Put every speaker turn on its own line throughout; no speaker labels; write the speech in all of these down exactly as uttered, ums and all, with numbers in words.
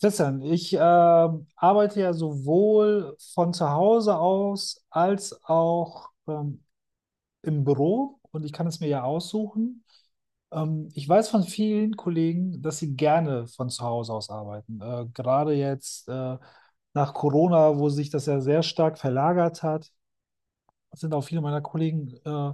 Christian, ich ähm, arbeite ja sowohl von zu Hause aus als auch ähm, im Büro und ich kann es mir ja aussuchen. Ähm, ich weiß von vielen Kollegen, dass sie gerne von zu Hause aus arbeiten. Äh, gerade jetzt äh, nach Corona, wo sich das ja sehr stark verlagert hat, sind auch viele meiner Kollegen äh,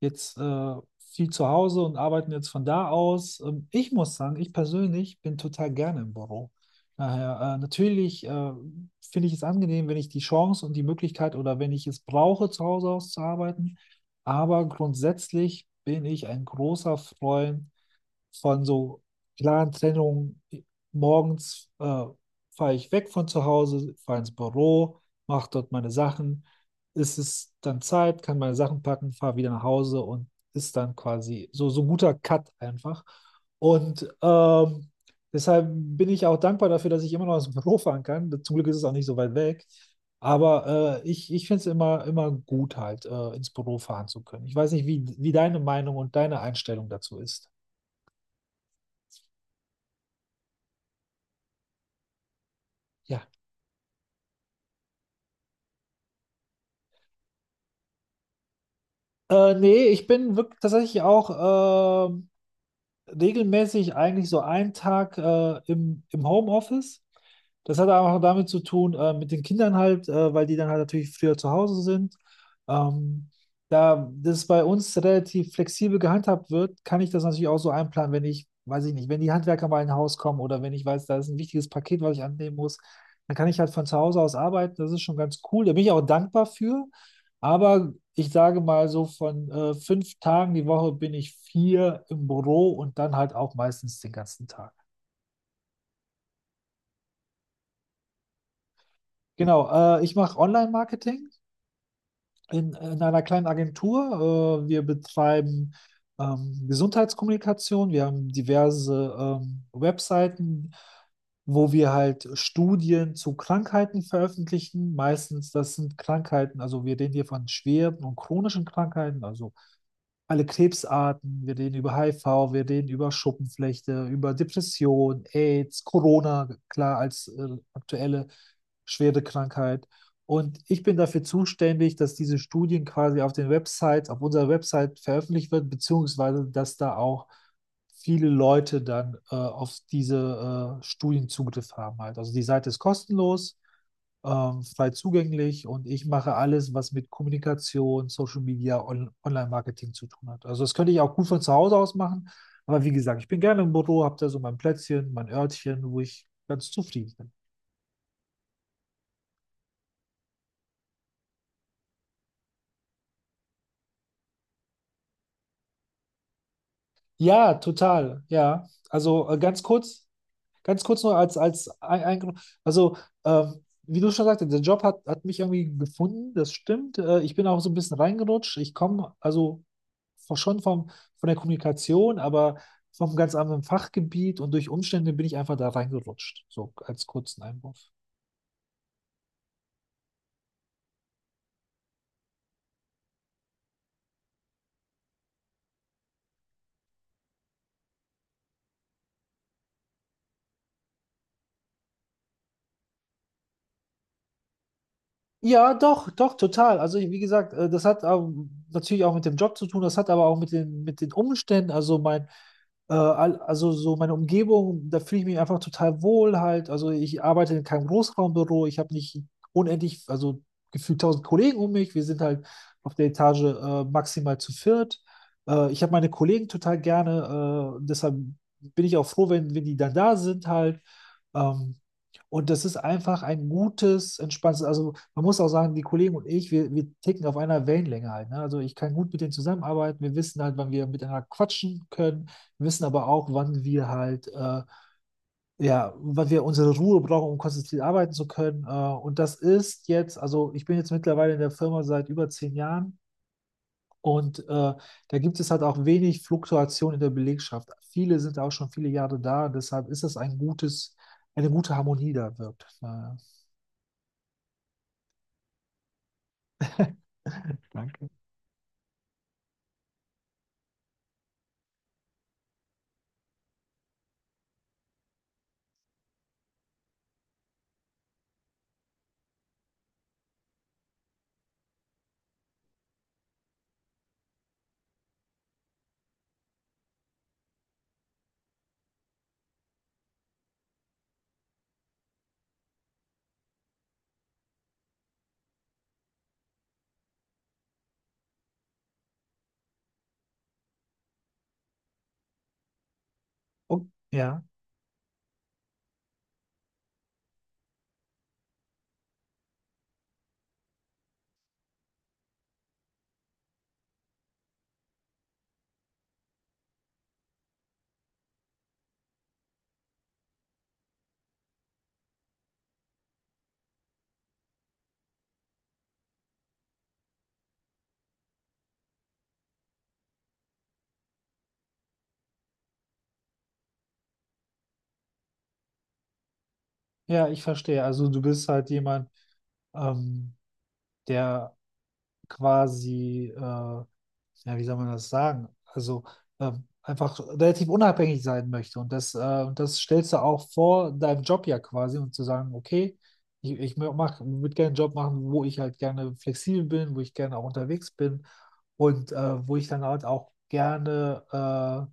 jetzt äh, viel zu Hause und arbeiten jetzt von da aus. Ähm, ich muss sagen, ich persönlich bin total gerne im Büro. Daher, äh, natürlich äh, finde ich es angenehm, wenn ich die Chance und die Möglichkeit oder wenn ich es brauche, zu Hause aus zu arbeiten. Aber grundsätzlich bin ich ein großer Freund von so klaren Trennungen. Morgens äh, fahre ich weg von zu Hause, fahre ins Büro, mache dort meine Sachen. Ist es dann Zeit, kann meine Sachen packen, fahre wieder nach Hause und ist dann quasi so, so ein guter Cut einfach. Und ähm, deshalb bin ich auch dankbar dafür, dass ich immer noch ins Büro fahren kann. Zum Glück ist es auch nicht so weit weg. Aber äh, ich, ich finde es immer, immer gut, halt äh, ins Büro fahren zu können. Ich weiß nicht, wie, wie deine Meinung und deine Einstellung dazu ist. Ja. Äh, nee, ich bin wirklich tatsächlich auch ähm, regelmäßig eigentlich so einen Tag äh, im, im Homeoffice. Das hat aber auch damit zu tun, äh, mit den Kindern halt, äh, weil die dann halt natürlich früher zu Hause sind. Ähm, Da das bei uns relativ flexibel gehandhabt wird, kann ich das natürlich auch so einplanen, wenn ich, weiß ich nicht, wenn die Handwerker mal in ein Haus kommen oder wenn ich weiß, da ist ein wichtiges Paket, was ich annehmen muss, dann kann ich halt von zu Hause aus arbeiten. Das ist schon ganz cool. Da bin ich auch dankbar für. Aber ich sage mal so, von äh, fünf Tagen die Woche bin ich vier im Büro und dann halt auch meistens den ganzen Tag. Genau, äh, ich mache Online-Marketing in, in einer kleinen Agentur. Äh, wir betreiben ähm, Gesundheitskommunikation. Wir haben diverse ähm, Webseiten, wo wir halt Studien zu Krankheiten veröffentlichen. Meistens, das sind Krankheiten, also wir reden hier von schweren und chronischen Krankheiten, also alle Krebsarten, wir reden über H I V, wir reden über Schuppenflechte, über Depression, AIDS, Corona, klar als äh, aktuelle schwere Krankheit. Und ich bin dafür zuständig, dass diese Studien quasi auf den Websites, auf unserer Website veröffentlicht werden, beziehungsweise dass da auch viele Leute dann äh, auf diese äh, Studien Zugriff haben halt. Also die Seite ist kostenlos, ähm, frei zugänglich und ich mache alles, was mit Kommunikation, Social Media, On Online-Marketing zu tun hat. Also das könnte ich auch gut von zu Hause aus machen, aber wie gesagt, ich bin gerne im Büro, habe da so mein Plätzchen, mein Örtchen, wo ich ganz zufrieden bin. Ja, total, ja. Also äh, ganz kurz. Ganz kurz nur als, als ein, ein, also ähm, wie du schon sagtest, der Job hat, hat mich irgendwie gefunden, das stimmt. Äh, ich bin auch so ein bisschen reingerutscht. Ich komme also von- schon vom, von der Kommunikation, aber vom ganz anderen Fachgebiet und durch Umstände bin ich einfach da reingerutscht. So als kurzen Einwurf. Ja, doch, doch, total. Also ich- wie gesagt, äh, das hat ähm, natürlich auch mit dem Job zu tun, das hat aber auch mit den, mit den Umständen, also mein, äh, all- also so meine Umgebung, da fühle ich mich einfach total wohl halt. Also ich arbeite in keinem Großraumbüro, ich habe nicht unendlich, also gefühlt tausend Kollegen um mich. Wir sind halt auf der Etage äh, maximal zu viert. Äh, ich habe meine Kollegen total gerne, äh, deshalb bin ich auch froh, wenn, wenn die dann da sind halt. Ähm, und das ist einfach ein gutes, entspanntes, also man muss auch sagen, die Kollegen und ich, wir, wir ticken auf einer Wellenlänge halt. Ne? Also ich kann gut mit denen zusammenarbeiten. Wir wissen halt, wann wir miteinander quatschen können. Wir wissen aber auch, wann wir halt, äh, ja, wann wir unsere Ruhe brauchen, um konzentriert arbeiten zu können. Äh, und das ist jetzt, also ich bin jetzt mittlerweile in der Firma seit über zehn Jahren. Und äh, da gibt es halt auch wenig Fluktuation in der Belegschaft. Viele sind auch schon viele Jahre da, deshalb ist das ein gutes, eine gute Harmonie da wirkt. Äh, oh, ja, ja, ich verstehe. Also du bist halt jemand, ähm, der quasi, äh, ja, wie soll man das sagen? Also ähm, einfach relativ unabhängig sein möchte. Und das, äh, und das stellst du auch vor deinem Job ja quasi und zu sagen, okay, ich, ich mach, würde gerne einen Job machen, wo ich halt gerne flexibel bin, wo ich gerne auch unterwegs bin und äh, wo ich dann halt auch gerne äh,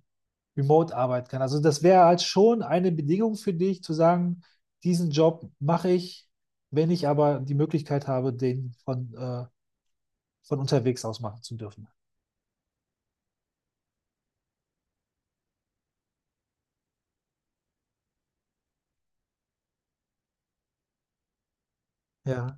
remote arbeiten kann. Also das wäre halt schon eine Bedingung für dich, zu sagen, diesen Job mache ich, wenn ich aber die Möglichkeit habe, den von, äh, von unterwegs aus machen zu dürfen. Ja.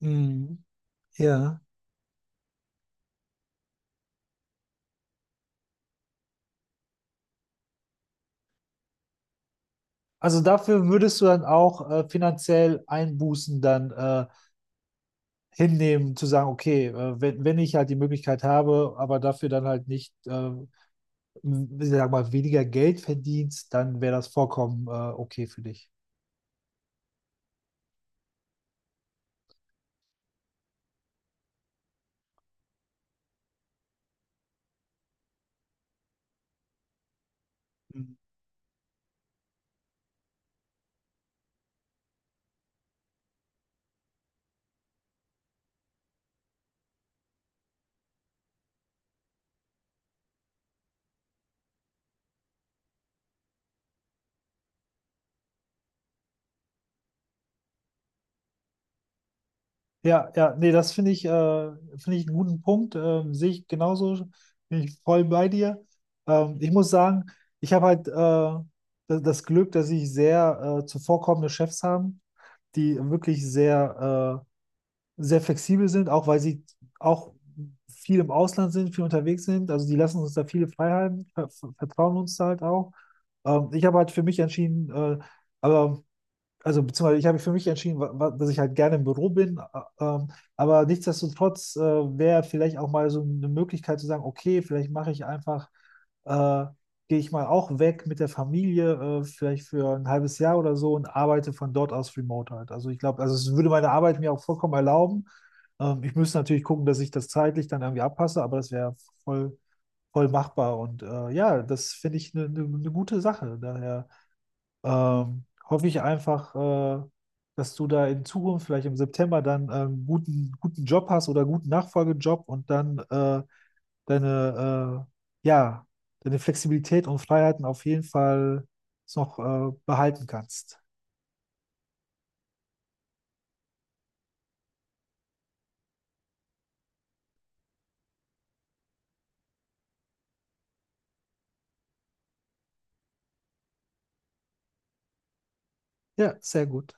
Mhm. Ja. Also dafür würdest du dann auch äh, finanziell Einbußen dann äh, hinnehmen, zu sagen, okay, äh, wenn, wenn ich halt die Möglichkeit habe, aber dafür dann halt nicht, äh, m- ich sag mal, weniger Geld verdienst, dann wäre das vollkommen äh, okay für dich. Ja, ja, nee, das finde ich, äh, finde ich einen guten Punkt. Ähm, sehe ich genauso, bin ich voll bei dir. Ähm, ich muss sagen, ich habe halt äh, das, das Glück, dass ich sehr äh, zuvorkommende Chefs habe, die wirklich sehr, äh, sehr flexibel sind, auch weil sie auch viel im Ausland sind, viel unterwegs sind. Also die lassen uns da viele Freiheiten, ver ver- vertrauen uns da halt auch. Ähm, ich habe halt für mich entschieden, äh, aber also beziehungsweise ich habe mich für mich entschieden, wa- wa- dass ich halt gerne im Büro bin, a- ähm, aber nichtsdestotrotz äh, wäre vielleicht auch mal so eine Möglichkeit zu sagen, okay, vielleicht mache ich einfach, äh, gehe ich mal auch weg mit der Familie, äh, vielleicht für ein halbes Jahr oder so und arbeite von dort aus remote halt. Also ich glaube, also es würde meine Arbeit mir auch vollkommen erlauben. Ähm, ich müsste natürlich gucken, dass ich das zeitlich dann irgendwie abpasse, aber das wäre voll, voll machbar und äh, ja, das finde ich eine gute Sache. Daher ähm, hoffe ich einfach, äh, dass du da in Zukunft, vielleicht im September, dann äh, einen guten, guten Job hast oder guten Nachfolgejob und dann äh, deine, äh, ja, deine Flexibilität und Freiheiten auf jeden Fall noch äh, behalten kannst. Ja, sehr gut.